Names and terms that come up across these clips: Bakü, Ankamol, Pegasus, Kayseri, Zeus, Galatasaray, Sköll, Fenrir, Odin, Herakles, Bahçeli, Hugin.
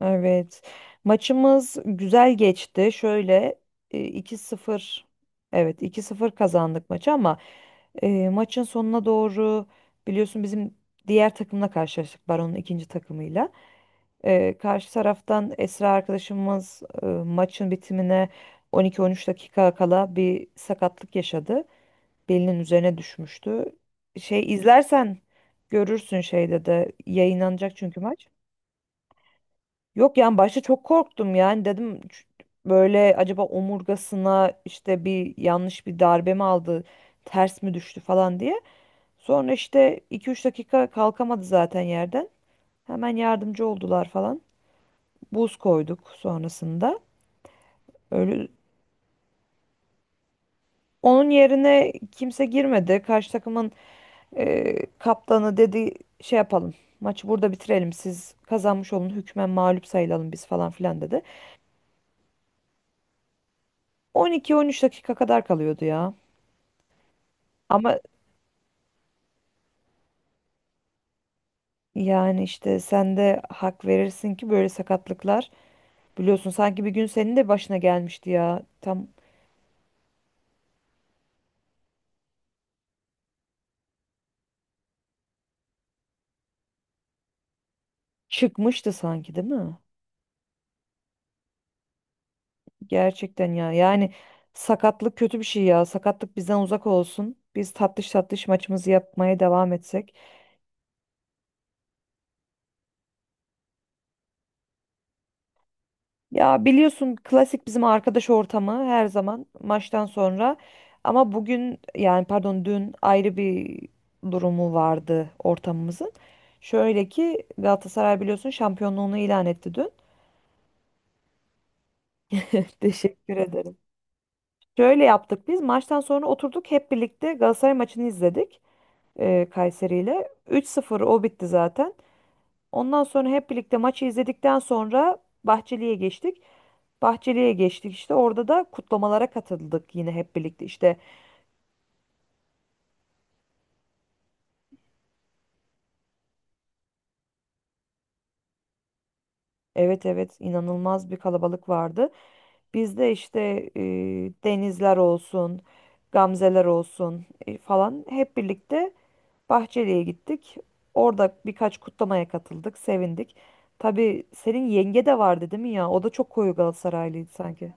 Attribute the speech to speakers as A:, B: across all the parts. A: Evet. Maçımız güzel geçti. Şöyle 2-0, evet iki sıfır kazandık maçı, ama maçın sonuna doğru biliyorsun bizim diğer takımla karşılaştık. Baron'un ikinci takımıyla. Karşı taraftan Esra arkadaşımız maçın bitimine 12-13 dakika kala bir sakatlık yaşadı. Belinin üzerine düşmüştü. Şey izlersen görürsün, şeyde de yayınlanacak çünkü maç. Yok yani başta çok korktum, yani dedim böyle acaba omurgasına işte bir yanlış bir darbe mi aldı, ters mi düştü falan" diye. Sonra işte iki üç dakika kalkamadı zaten yerden. Hemen yardımcı oldular falan. Buz koyduk sonrasında. Öyle onun yerine kimse girmedi. Karşı takımın kaptanı dedi şey yapalım. Maçı burada bitirelim. Siz kazanmış olun. Hükmen mağlup sayılalım biz falan filan dedi. 12-13 dakika kadar kalıyordu ya. Ama yani işte sen de hak verirsin ki böyle sakatlıklar biliyorsun, sanki bir gün senin de başına gelmişti ya. Tam çıkmıştı sanki değil mi? Gerçekten ya. Yani sakatlık kötü bir şey ya. Sakatlık bizden uzak olsun. Biz tatlış tatlış maçımızı yapmaya devam etsek. Ya biliyorsun klasik bizim arkadaş ortamı her zaman maçtan sonra. Ama bugün, yani pardon, dün ayrı bir durumu vardı ortamımızın. Şöyle ki Galatasaray biliyorsun şampiyonluğunu ilan etti dün. Teşekkür ederim. Şöyle yaptık, biz maçtan sonra oturduk hep birlikte Galatasaray maçını izledik Kayseri ile. 3-0 o bitti zaten. Ondan sonra hep birlikte maçı izledikten sonra Bahçeli'ye geçtik. Bahçeli'ye geçtik, işte orada da kutlamalara katıldık yine hep birlikte, işte evet evet, inanılmaz bir kalabalık vardı. Biz de işte e, denizler olsun, gamzeler olsun, falan hep birlikte Bahçeli'ye gittik. Orada birkaç kutlamaya katıldık, sevindik. Tabii senin yenge de vardı değil mi ya? O da çok koyu Galatasaraylıydı sanki.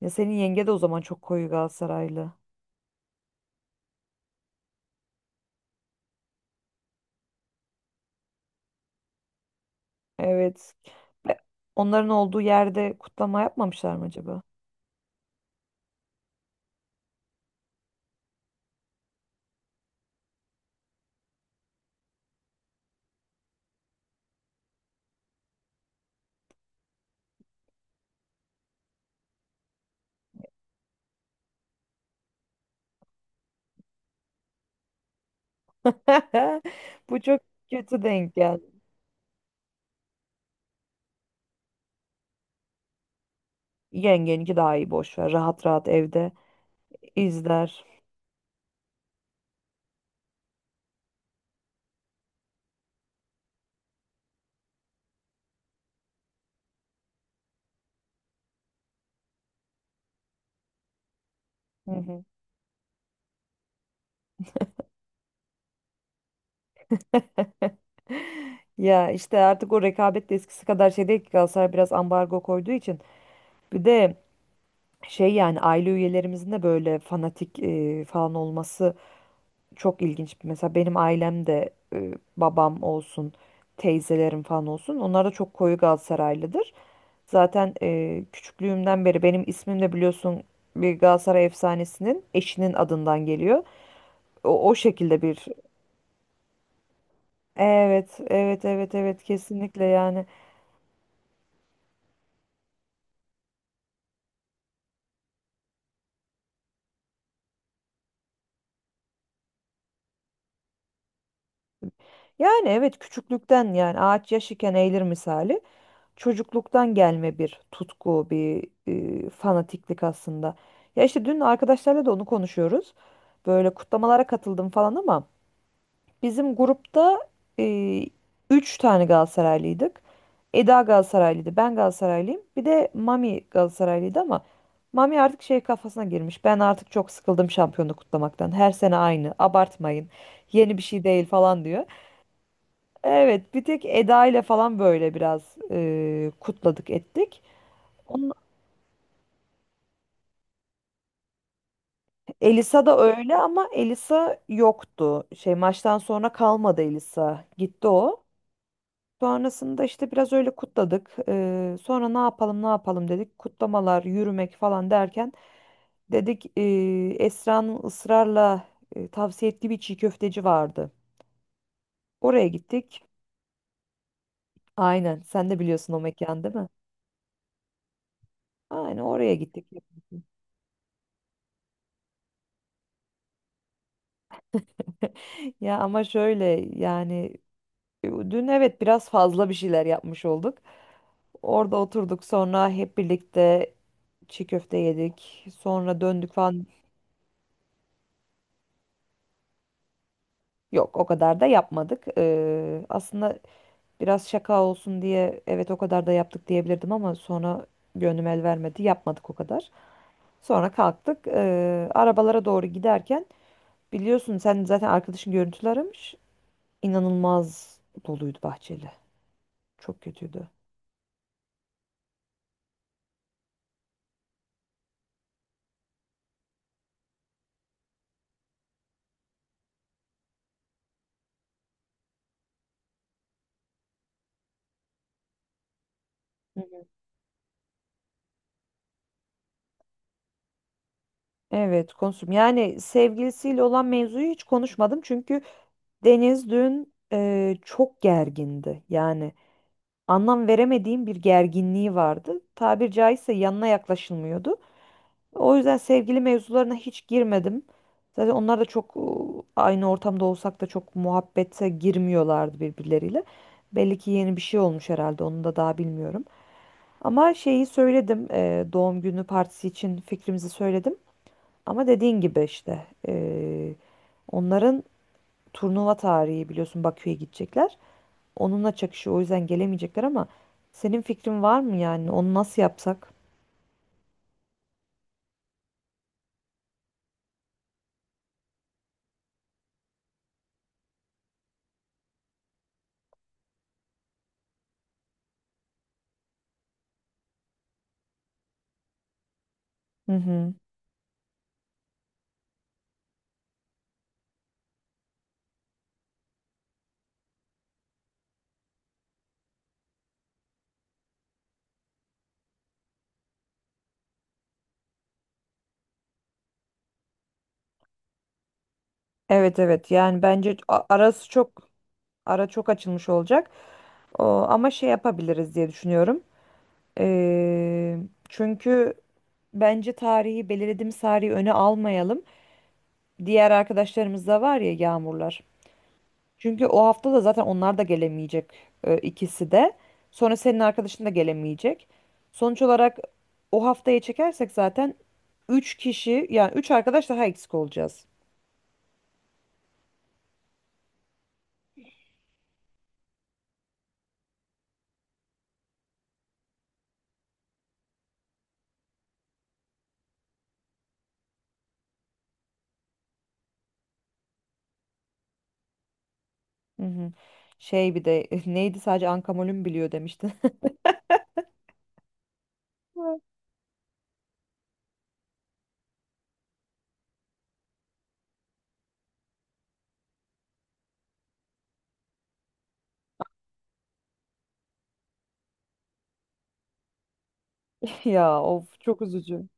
A: Ya senin yenge de o zaman çok koyu Galatasaraylı. Evet. Ve onların olduğu yerde kutlama yapmamışlar mı acaba? Bu çok kötü denk geldi. Yengeninki daha iyi, boş ver. Rahat rahat evde izler. Hı hı. Ya işte artık o rekabet de eskisi kadar şey değil ki, Galatasaray biraz ambargo koyduğu için. Bir de şey, yani aile üyelerimizin de böyle fanatik falan olması çok ilginç. Mesela benim ailem de babam olsun, teyzelerim falan olsun. Onlar da çok koyu Galatasaraylıdır. Zaten küçüklüğümden beri benim ismim de biliyorsun bir Galatasaray efsanesinin eşinin adından geliyor. O şekilde bir. Evet, evet, evet, evet kesinlikle yani. Yani evet, küçüklükten yani, ağaç yaş iken eğilir misali. Çocukluktan gelme bir tutku, bir fanatiklik aslında. Ya işte dün arkadaşlarla da onu konuşuyoruz. Böyle kutlamalara katıldım falan, ama bizim grupta e, üç tane Galatasaraylıydık. Eda Galatasaraylıydı, ben Galatasaraylıyım. Bir de Mami Galatasaraylıydı, ama Mami artık şey kafasına girmiş. Ben artık çok sıkıldım şampiyonluk kutlamaktan. Her sene aynı, abartmayın. Yeni bir şey değil falan diyor. Evet, bir tek Eda ile falan böyle biraz kutladık ettik. Onun- Elisa da öyle, ama Elisa yoktu. Şey, maçtan sonra kalmadı Elisa. Gitti o. Sonrasında işte biraz öyle kutladık. Sonra ne yapalım ne yapalım dedik. Kutlamalar, yürümek falan derken dedik Esra'nın ısrarla tavsiye ettiği bir çiğ köfteci vardı. Oraya gittik. Aynen. Sen de biliyorsun o mekan değil mi? Aynen oraya gittik. Ya ama şöyle, yani dün evet biraz fazla bir şeyler yapmış olduk. Orada oturduk, sonra hep birlikte çiğ köfte yedik. Sonra döndük falan. Yok o kadar da yapmadık. Aslında biraz şaka olsun diye evet o kadar da yaptık diyebilirdim, ama sonra gönlüm el vermedi. Yapmadık o kadar. Sonra kalktık. Arabalara doğru giderken biliyorsun sen zaten arkadaşın görüntüler aramış. İnanılmaz doluydu bahçeli. Çok kötüydü. Evet, konuştum. Yani sevgilisiyle olan mevzuyu hiç konuşmadım çünkü Deniz dün çok gergindi. Yani anlam veremediğim bir gerginliği vardı. Tabir caizse yanına yaklaşılmıyordu. O yüzden sevgili mevzularına hiç girmedim. Zaten onlar da çok aynı ortamda olsak da çok muhabbete girmiyorlardı birbirleriyle. Belli ki yeni bir şey olmuş herhalde, onu da daha bilmiyorum. Ama şeyi söyledim, doğum günü partisi için fikrimizi söyledim. Ama dediğin gibi işte, onların turnuva tarihi biliyorsun, Bakü'ye gidecekler. Onunla çakışıyor, o yüzden gelemeyecekler, ama senin fikrin var mı, yani onu nasıl yapsak? Hı hı. Evet evet, yani bence ara çok açılmış olacak. O, ama şey yapabiliriz diye düşünüyorum. Eee, Çünkü bence tarihi, belirlediğimiz tarihi öne almayalım. Diğer arkadaşlarımız da var ya, Yağmurlar. Çünkü o hafta da zaten onlar da gelemeyecek, ikisi de. Sonra senin arkadaşın da gelemeyecek. Sonuç olarak o haftaya çekersek zaten 3 kişi, yani 3 arkadaş daha eksik olacağız. Hı hı. Şey, bir de neydi, sadece Ankamol'ün biliyor demiştin. Ya of, çok üzücü.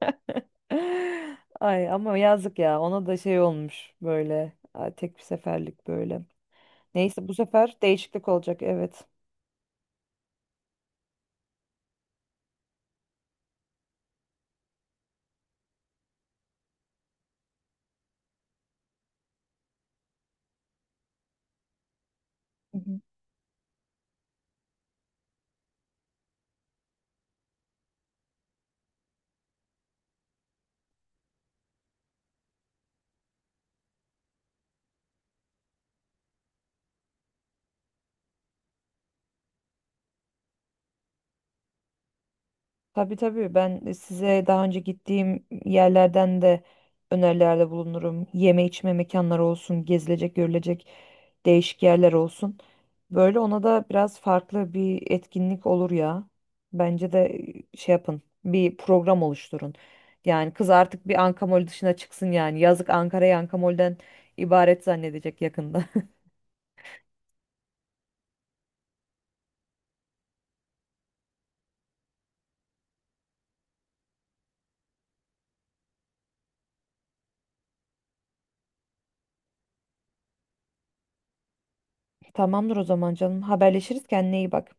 A: Ay ama yazık ya, ona da şey olmuş böyle, ay, tek bir seferlik böyle. Neyse bu sefer değişiklik olacak, evet. Tabii tabii, ben size daha önce gittiğim yerlerden de önerilerde bulunurum. Yeme içme mekanları olsun, gezilecek, görülecek değişik yerler olsun. Böyle ona da biraz farklı bir etkinlik olur ya. Bence de şey yapın, bir program oluşturun. Yani kız artık bir Ankamol dışına çıksın yani. Yazık, Ankara'yı Ankamol'den ibaret zannedecek yakında. Tamamdır o zaman canım. Haberleşiriz, kendine iyi bak.